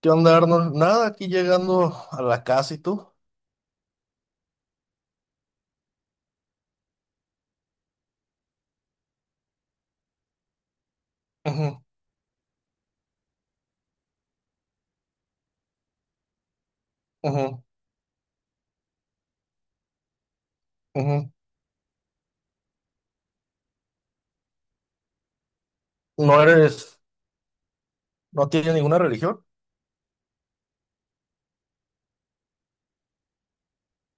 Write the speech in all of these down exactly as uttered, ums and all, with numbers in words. ¿Qué onda, Arnold? Nada, aquí llegando a la casa y tú. Ujú, ujú, ujú. No eres, no tienes ninguna religión.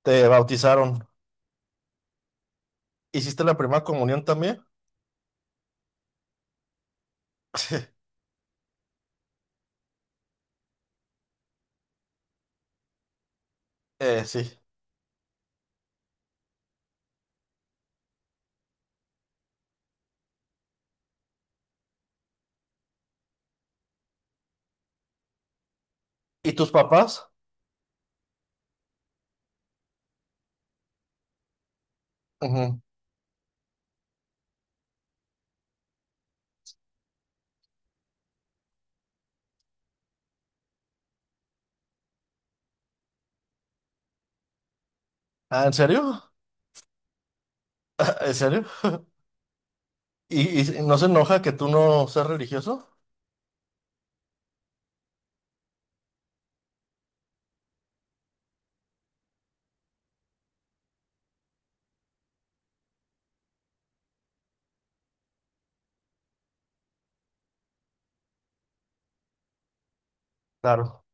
Te bautizaron. ¿Hiciste la primera comunión también? Sí, Eh, sí. ¿Y tus papás? Ujú. Ah, ¿en serio? ¿En serio? ¿Y, y no se enoja que tú no seas religioso? Claro.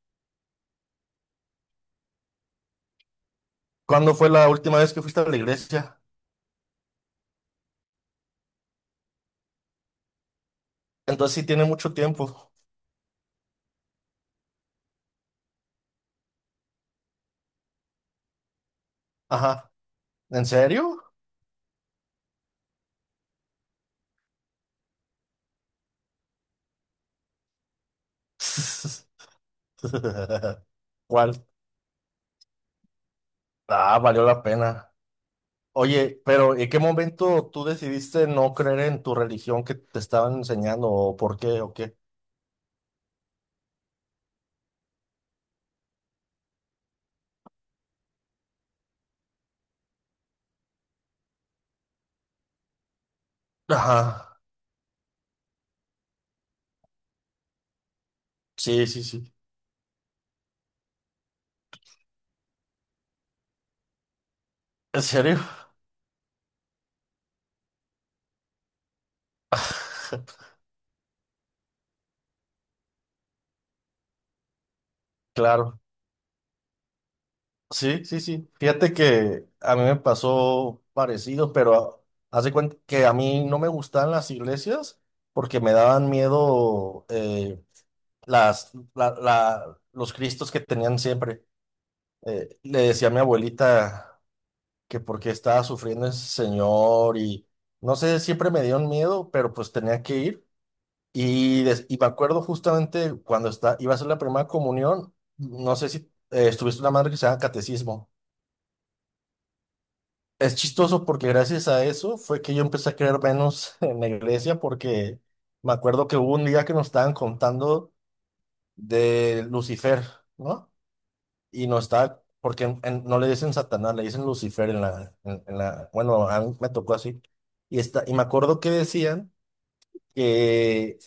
¿Cuándo fue la última vez que fuiste a la iglesia? Entonces sí tiene mucho tiempo. Ajá. ¿En serio? ¿Cuál? Ah, valió la pena. Oye, pero ¿en qué momento tú decidiste no creer en tu religión que te estaban enseñando o por qué o qué? Ajá, sí, sí, sí. ¿En serio? Claro, sí, sí, sí. Fíjate que a mí me pasó parecido, pero haz de cuenta que a mí no me gustaban las iglesias porque me daban miedo eh, las, la- la- los cristos que tenían siempre. Eh, le decía a mi abuelita que por qué estaba sufriendo ese señor y no sé, siempre me dio un miedo, pero pues tenía que ir. Y, des- y me acuerdo justamente cuando está, iba a ser la primera comunión, no sé si eh, estuviste una madre que se llama catecismo. Es chistoso porque gracias a eso fue que yo empecé a creer menos en la iglesia porque me acuerdo que hubo un día que nos estaban contando de Lucifer, ¿no? Y no está, porque en- en- no le dicen Satanás, le dicen Lucifer en la, en, en la, bueno, a mí me tocó así. Y está, y me acuerdo que decían que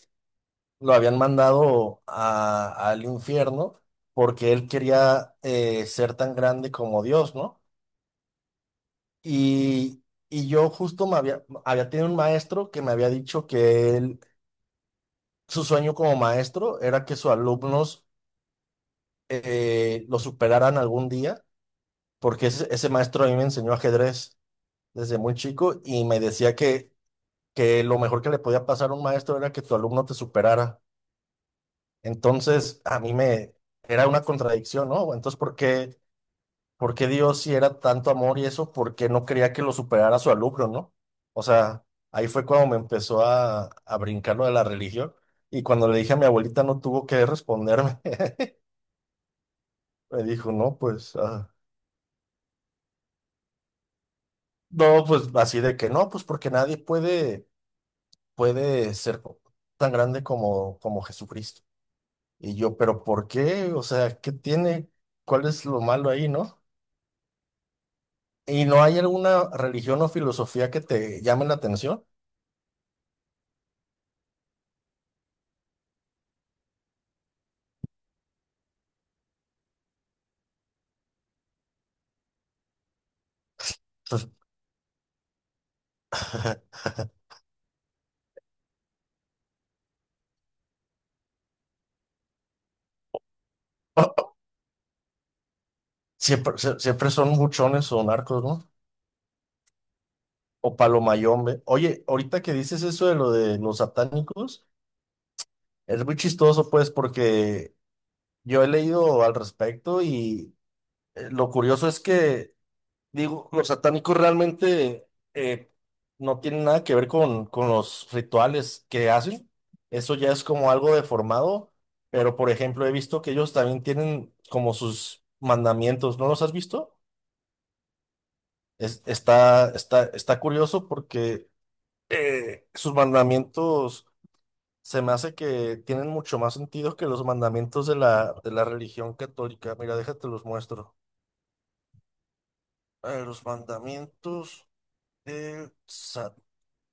lo habían mandado a- al infierno porque él quería eh, ser tan grande como Dios, ¿no? Y, y yo justo me había, había tenido un maestro que me había dicho que él, su sueño como maestro era que sus alumnos eh, lo superaran algún día, porque ese, ese maestro a mí me enseñó ajedrez desde muy chico y me decía que, que lo mejor que le podía pasar a un maestro era que tu alumno te superara. Entonces, a mí me era una contradicción, ¿no? Entonces, ¿por qué, por qué Dios, si era tanto amor y eso, por qué no quería que lo superara su alumno, ¿no? O sea, ahí fue cuando me empezó a, a brincar lo de la religión y cuando le dije a mi abuelita no tuvo que responderme. Me dijo, no, pues, ah, no, pues así de que no, pues porque nadie puede, puede ser tan grande como, como Jesucristo. Y yo, pero ¿por qué? O sea, ¿qué tiene? ¿Cuál es lo malo ahí, no? ¿Y no hay alguna religión o filosofía que te llame la atención? Pues, Siempre, se- siempre son buchones o narcos, ¿no? O palomayombe. Oye, ahorita que dices eso de lo de los satánicos, es muy chistoso, pues, porque yo he leído al respecto y eh, lo curioso es que digo, los satánicos realmente eh, no tienen nada que ver con, con los rituales que hacen. Eso ya es como algo deformado. Pero, por ejemplo, he visto que ellos también tienen como sus mandamientos. ¿No los has visto? Es- está, está, está curioso porque eh, sus mandamientos se me hace que tienen mucho más sentido que los mandamientos de la, de la religión católica. Mira, déjate los muestro. A ver, los mandamientos del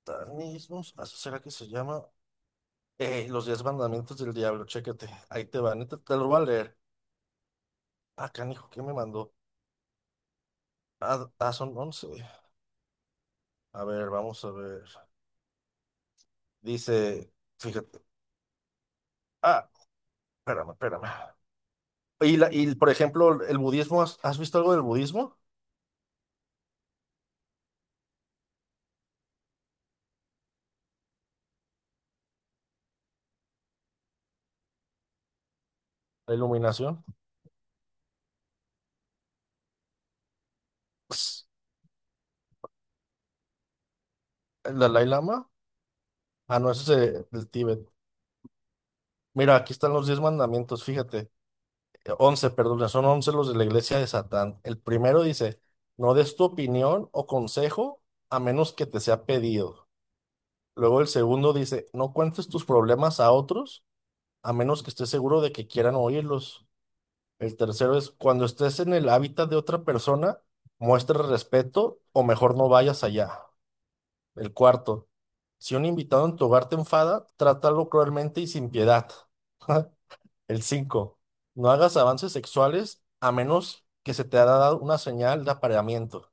Satanismos, ¿así será que se llama? Eh, los diez mandamientos del diablo, chécate, ahí te van, te, te lo voy a leer. Ah, canijo, ¿qué me mandó? Ah, ah, son once. A ver, vamos a ver. Dice, fíjate, ah, espérame, espérame. Y, la, y por ejemplo, el budismo, ¿has, has visto algo del budismo? La iluminación. Ps, ¿el Dalai Lama? Ah, no, ese es eh, del Tíbet. Mira, aquí están los diez mandamientos, fíjate. Once, perdón, son once los de la iglesia de Satán. El primero dice, no des tu opinión o consejo a menos que te sea pedido. Luego el segundo dice, no cuentes tus problemas a otros a menos que estés seguro de que quieran oírlos. El tercero es, cuando estés en el hábitat de otra persona, muestra respeto o mejor no vayas allá. El cuarto, si un invitado en tu hogar te enfada, trátalo cruelmente y sin piedad. El cinco. No hagas avances sexuales a menos que se te haya dado una señal de apareamiento.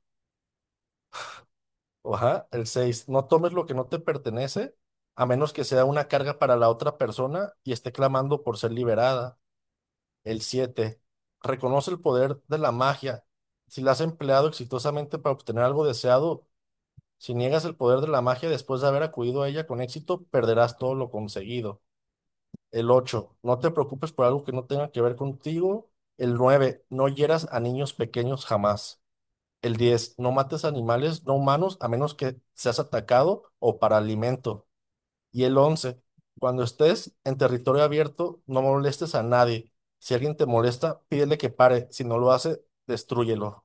Ajá. El seis. No tomes lo que no te pertenece a menos que sea una carga para la otra persona y esté clamando por ser liberada. El siete. Reconoce el poder de la magia. Si la has empleado exitosamente para obtener algo deseado, si niegas el poder de la magia después de haber acudido a ella con éxito, perderás todo lo conseguido. El ocho, no te preocupes por algo que no tenga que ver contigo. El nueve, no hieras a niños pequeños jamás. El diez, no mates animales no humanos a menos que seas atacado o para alimento. Y el once, cuando estés en territorio abierto, no molestes a nadie. Si alguien te molesta, pídele que pare. Si no lo hace, destrúyelo.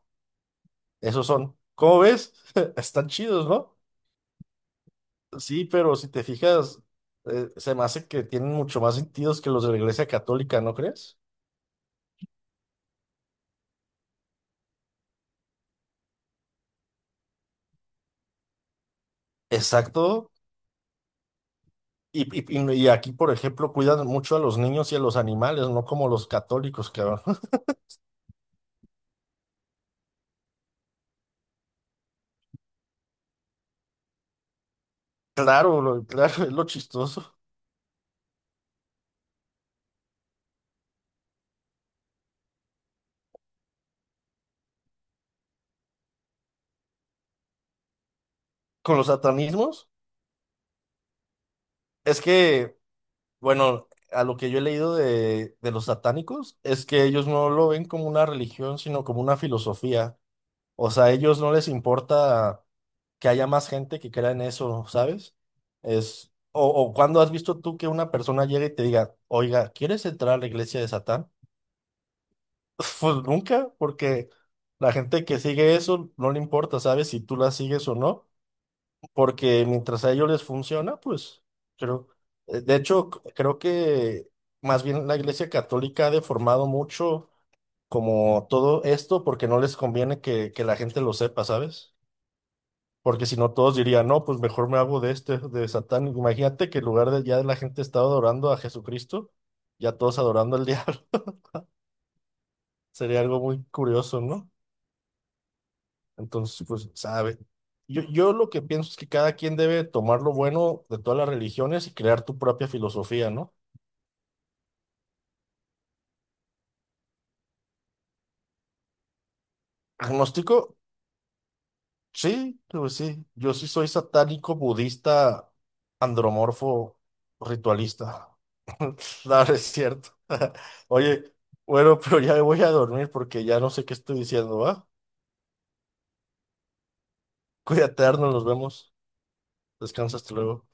Esos son. ¿Cómo ves? Están chidos, ¿no? Sí, pero si te fijas, eh, se me hace que tienen mucho más sentidos que los de la Iglesia Católica, ¿no crees? Exacto. Y, y- y aquí, por ejemplo, cuidan mucho a los niños y a los animales, no como los católicos, cabrón. Claro, lo- claro, es lo chistoso. Con los satanismos, es que, bueno, a lo que yo he leído de, de los satánicos, es que ellos no lo ven como una religión, sino como una filosofía. O sea, a ellos no les importa que haya más gente que crea en eso, ¿sabes? Es, o, o cuando has visto tú que una persona llega y te diga, oiga, ¿quieres entrar a la iglesia de Satán? Pues nunca, porque la gente que sigue eso no le importa, ¿sabes? Si tú la sigues o no, porque mientras a ellos les funciona, pues creo. eh, De hecho, c- creo que más bien la Iglesia Católica ha deformado mucho como todo esto porque no les conviene que, que la gente lo sepa, ¿sabes? Porque si no, todos dirían, no, pues mejor me hago de este, de Satán. Imagínate que en lugar de ya la gente estaba adorando a Jesucristo, ya todos adorando al diablo. Sería algo muy curioso, ¿no? Entonces, pues, sabe. Yo, yo lo que pienso es que cada quien debe tomar lo bueno de todas las religiones y crear tu propia filosofía, ¿no? Agnóstico, sí, pues sí. Yo sí soy satánico, budista, andromorfo, ritualista. No, no es cierto. Oye, bueno, pero ya me voy a dormir porque ya no sé qué estoy diciendo, ¿va? Cuídate, Arnold, nos vemos. Descansa hasta luego.